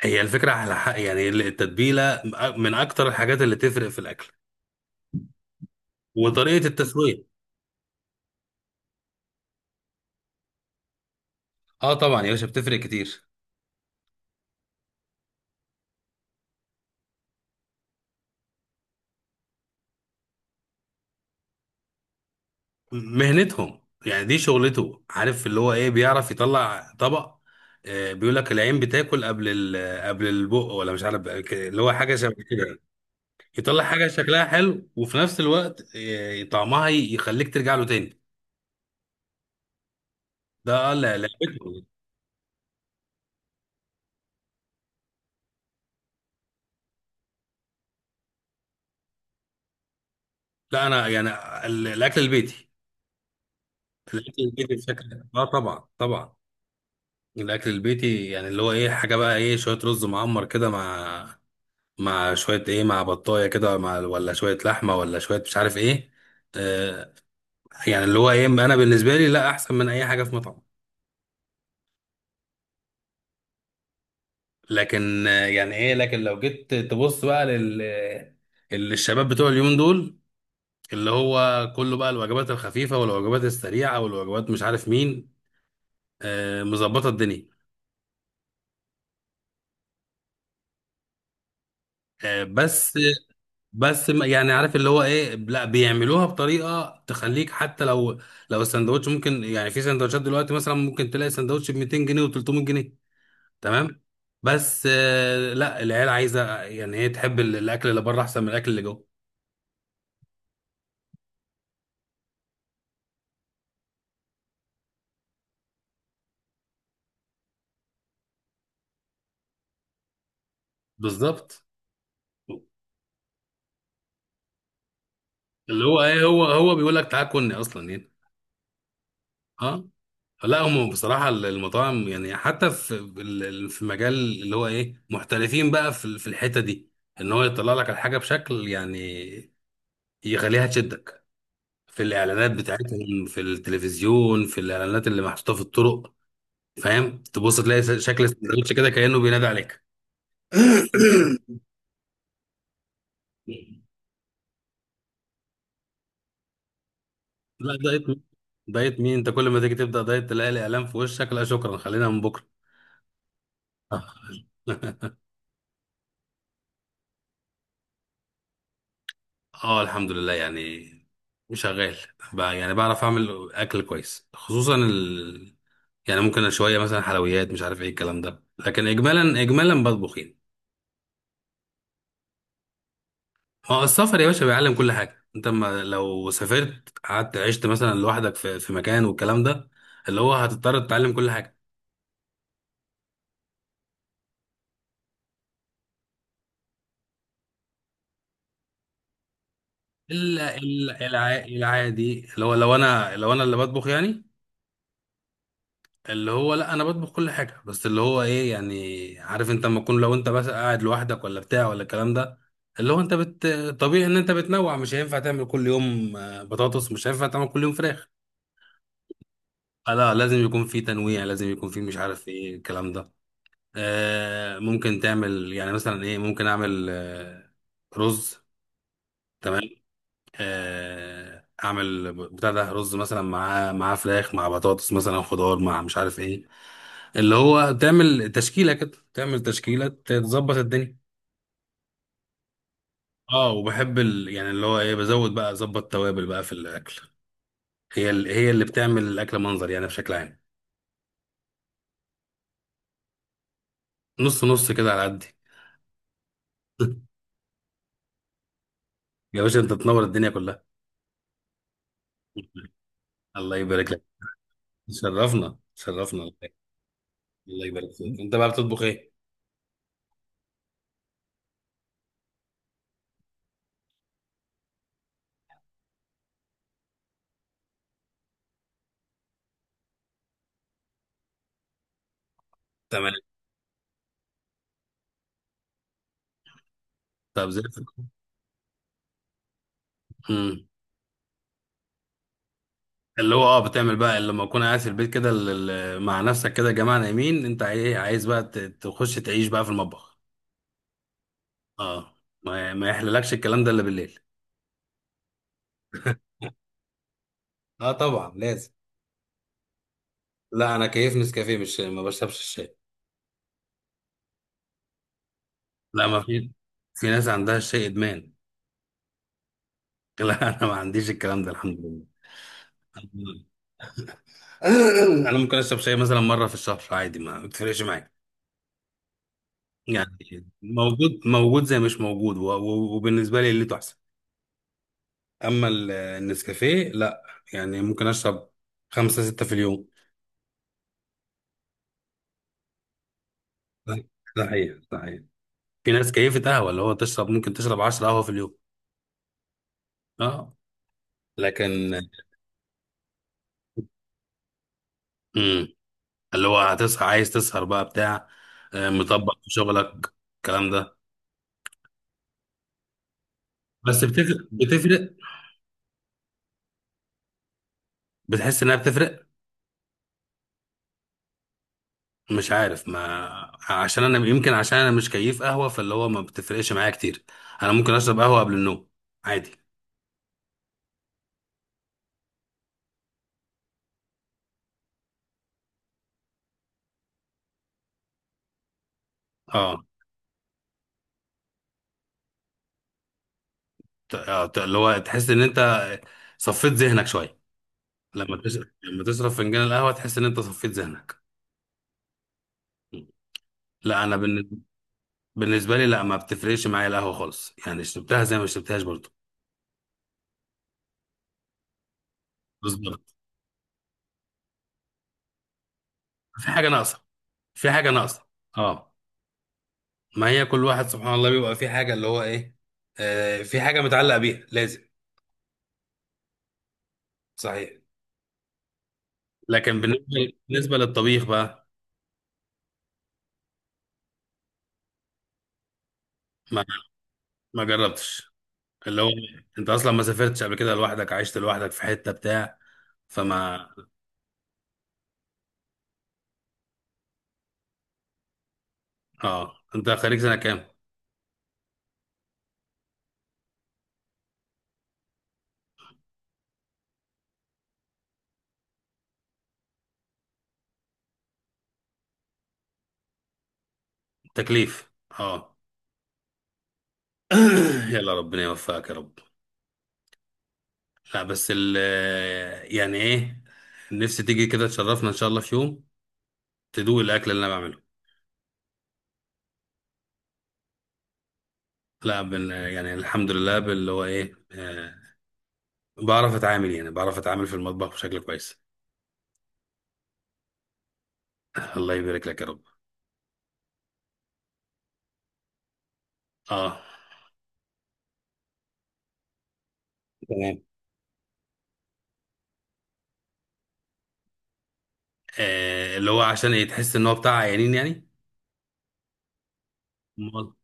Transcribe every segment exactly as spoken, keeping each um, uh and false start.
هي الفكرة على حق، يعني التتبيلة من أكتر الحاجات اللي تفرق في الأكل وطريقة التسوية. اه طبعا يا باشا، بتفرق كتير. مهنتهم يعني دي شغلته، عارف اللي هو ايه، بيعرف يطلع طبق. آه بيقول لك العين بتاكل قبل ال- قبل البق، ولا مش عارف ك- اللي هو حاجة شبه كده يعني. يطلع حاجة شكلها حلو وفي نفس الوقت آه طعمها ي- يخليك ترجع له تاني. ده آه، لا لا. لا أنا يعني ال- الأكل البيتي. الأكل البيتي بشكل اه طبعا طبعا. الاكل البيتي يعني اللي هو ايه، حاجه بقى ايه، شويه رز معمر كده مع مع شويه ايه، مع بطايه كده، مع ولا شويه لحمه، ولا شويه مش عارف ايه. آه يعني اللي هو ايه، انا بالنسبه لي لا احسن من اي حاجه في مطعم. لكن آه، يعني ايه، لكن لو جيت تبص بقى لل الشباب بتوع اليومين دول، اللي هو كله بقى الوجبات الخفيفه والوجبات السريعه والوجبات مش عارف مين. آه مظبطه الدنيا. آه بس. بس ما- يعني عارف اللي هو ايه، لا بيعملوها بطريقه تخليك حتى لو، لو السندوتش، ممكن يعني في سندوتشات دلوقتي، مثلا ممكن تلاقي سندوتش ب مئتين جنيه و300 جنيه. تمام. بس آه، لا العيال عايزه، يعني هي تحب ال- الاكل اللي بره احسن من الاكل اللي جوه. بالظبط. اللي هو ايه، هو هو بيقول لك تعال كلني اصلا يعني. اه. لا هم بصراحه المطاعم، يعني حتى في ال- في مجال اللي هو ايه، محترفين بقى في ال- في الحته دي. ان هو يطلع لك الحاجه بشكل يعني يخليها تشدك. في الاعلانات بتاعتهم في التلفزيون، في الاعلانات اللي محطوطه في الطرق. فاهم، تبص تلاقي شكل السندوتش كده كانه بينادي عليك. لا دايت مين، دايت مين. انت كل ما تيجي تبدا دايت تلاقي الاعلان في وشك. لا شكرا، خلينا من بكره. اه الحمد لله يعني، شغال بقى، يعني بعرف اعمل اكل كويس، خصوصا ال... يعني ممكن شويه مثلا حلويات مش عارف ايه الكلام ده، لكن اجمالا اجمالا بطبخ يعني. اه السفر يا باشا بيعلم كل حاجة. انت ما لو سافرت قعدت عشت مثلا لوحدك في، في مكان والكلام ده، اللي هو هتضطر تتعلم كل حاجة. الا الا الع- العادي، اللي هو لو انا، لو انا اللي بطبخ يعني، اللي هو لا انا بطبخ كل حاجة. بس اللي هو ايه، يعني عارف انت لما تكون، لو انت بس قاعد لوحدك ولا بتاع ولا الكلام ده، اللي هو انت بت طبيعي ان انت بتنوع. مش هينفع تعمل كل يوم آه، بطاطس، مش هينفع تعمل كل يوم فراخ. آه لا لازم يكون في تنويع، لازم يكون في مش عارف ايه الكلام ده. آه ممكن تعمل يعني مثلا ايه، ممكن اعمل آه رز. تمام. آه اعمل بتاع ده، رز مثلا مع مع فراخ، مع بطاطس، مثلا خضار، مع مش عارف ايه. اللي هو تعمل تشكيله كده، تعمل تشكيله، تظبط الدنيا. اه وبحب ال... يعني اللي هو ايه، بزود بقى اظبط توابل بقى في الاكل. هي ال... هي اللي بتعمل الاكل منظر يعني بشكل عام. نص نص كده على قدي. يا باشا انت تنور الدنيا كلها. الله يبارك لك. شرفنا شرفنا. الله يبارك فيك. انت بقى بتطبخ ايه؟ تمام. طب زي الفل. امم. اللي هو اه بتعمل بقى لما اكون قاعد في البيت كده، ال- ال- مع نفسك كده، يا جماعه نايمين، انت عاي- عايز بقى ت- تخش تعيش بقى في المطبخ. اه ما ما يحللكش الكلام ده الا بالليل. اه طبعا لازم. لا انا كيف نسكافيه، مش ما بشربش الشاي. لا ما في، في ناس عندها الشاي ادمان. لا انا ما عنديش الكلام ده الحمد لله. انا ممكن اشرب شاي مثلا مره في الشهر عادي، ما بتفرقش معايا. يعني موجود موجود زي مش موجود، و- و- وبالنسبه لي اللي تحسن. اما ال- النسكافيه لا، يعني ممكن اشرب خمسة ستة في اليوم. ده حقيقي ده حقيقي. في ناس كيفة قهوة، اللي هو تشرب ممكن تشرب 10 قهوة في اليوم. اه. لكن. امم. اللي هو هتصحى عايز تسهر بقى بتاع، آه، مطبق في شغلك الكلام ده. بس بتفرق بتفرق، بتحس انها بتفرق. مش عارف، ما عشان انا يمكن عشان انا مش كيف قهوه، فاللي هو ما بتفرقش معايا كتير. انا ممكن اشرب قهوه قبل النوم عادي. اه ت- آه، ت- اللي هو تحس ان انت صفيت ذهنك شويه. لما تشرب، لما تشرب فنجان القهوه، تحس ان انت صفيت ذهنك. لا انا بالن- بالنسبه لي لا، ما بتفرقش معايا القهوه خالص، يعني شربتها زي ما شربتهاش برضه. بالظبط. في حاجه ناقصه. في حاجه ناقصه. اه. ما هي كل واحد سبحان الله بيبقى في حاجه اللي هو ايه، آه في حاجه متعلق بيها لازم. صحيح. لكن بالنسبه بالنسبه للطبيخ بقى. ما ما جربتش. اللي هو انت اصلا ما سافرتش قبل كده لوحدك، عشت لوحدك في حته بتاع، فما. اه انت خريج سنه كام؟ تكليف. اه. يلا ربنا يوفقك يا رب. لا بس ال، يعني ايه، نفسي تيجي كده تشرفنا ان شاء الله في يوم، تدوق الاكل اللي انا بعمله. لا بن يعني الحمد لله باللي هو ايه، آه بعرف اتعامل، يعني بعرف اتعامل في المطبخ بشكل كويس. الله يبارك لك يا رب. اه. تمام. آه، اللي هو عشان يتحس ان هو بتاع عيانين يعني. مو-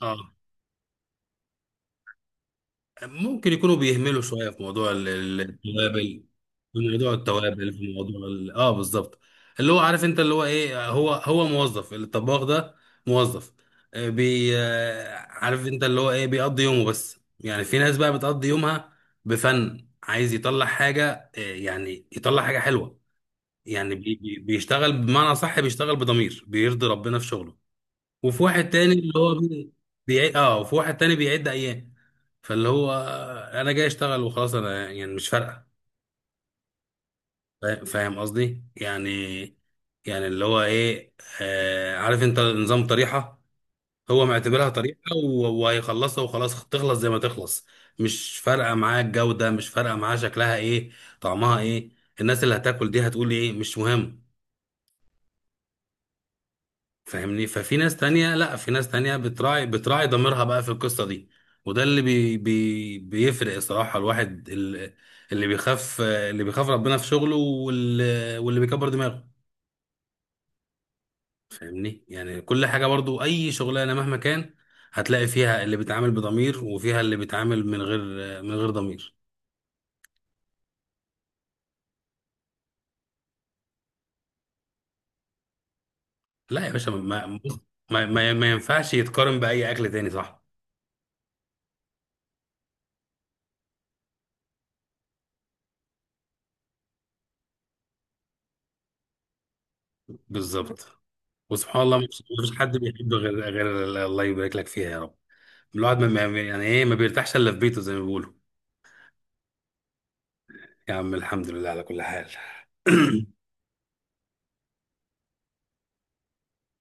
اه ممكن يكونوا بيهملوا شويه في موضوع ال- ال- التوابل. في موضوع التوابل، في موضوع ال... اه بالظبط. اللي هو عارف انت اللي هو ايه، هو هو موظف، الطباخ ده موظف. آه، بي آه، عارف انت اللي هو ايه، بيقضي يومه بس. يعني في ناس بقى بتقضي يومها بفن، عايز يطلع حاجه آه، يعني يطلع حاجه حلوه. يعني بي... بي- بيشتغل بمعنى صح، بيشتغل بضمير، بيرضي ربنا في شغله. وفي واحد تاني اللي هو بي... بيعد. اه وفي واحد تاني بيعد ايام، فاللي هو انا جاي اشتغل وخلاص، انا يعني مش فارقه. فا- فاهم قصدي يعني. يعني اللي هو ايه، آه عارف انت نظام طريحه، هو معتبرها طريحه، و- وهيخلصها وخلاص، تخلص زي ما تخلص. مش فارقه معاه الجوده، مش فارقه معاه شكلها ايه، طعمها ايه، الناس اللي هتاكل دي هتقول ايه، مش مهم. فاهمني. ففي ناس تانية لا، في ناس تانية بتراعي، بتراعي ضميرها بقى في القصة دي. وده اللي بي بي بيفرق الصراحة. الواحد ال- اللي بيخاف، اللي بيخاف ربنا في شغله، واللي, واللي بيكبر دماغه. فاهمني يعني كل حاجة برضو، أي شغلانة مهما كان، هتلاقي فيها اللي بيتعامل بضمير، وفيها اللي بيتعامل من غير، من غير ضمير. لا يا باشا ما ما ما, ما ما ينفعش يتقارن بأي أكل تاني، صح. بالظبط. وسبحان الله مفيش، مفيش حد بيحب غير، غير الله يبارك لك فيها يا رب. الواحد ما ما- يعني ايه، ما بيرتاحش الا في بيته زي ما بيقولوا. يا عم الحمد لله على كل حال.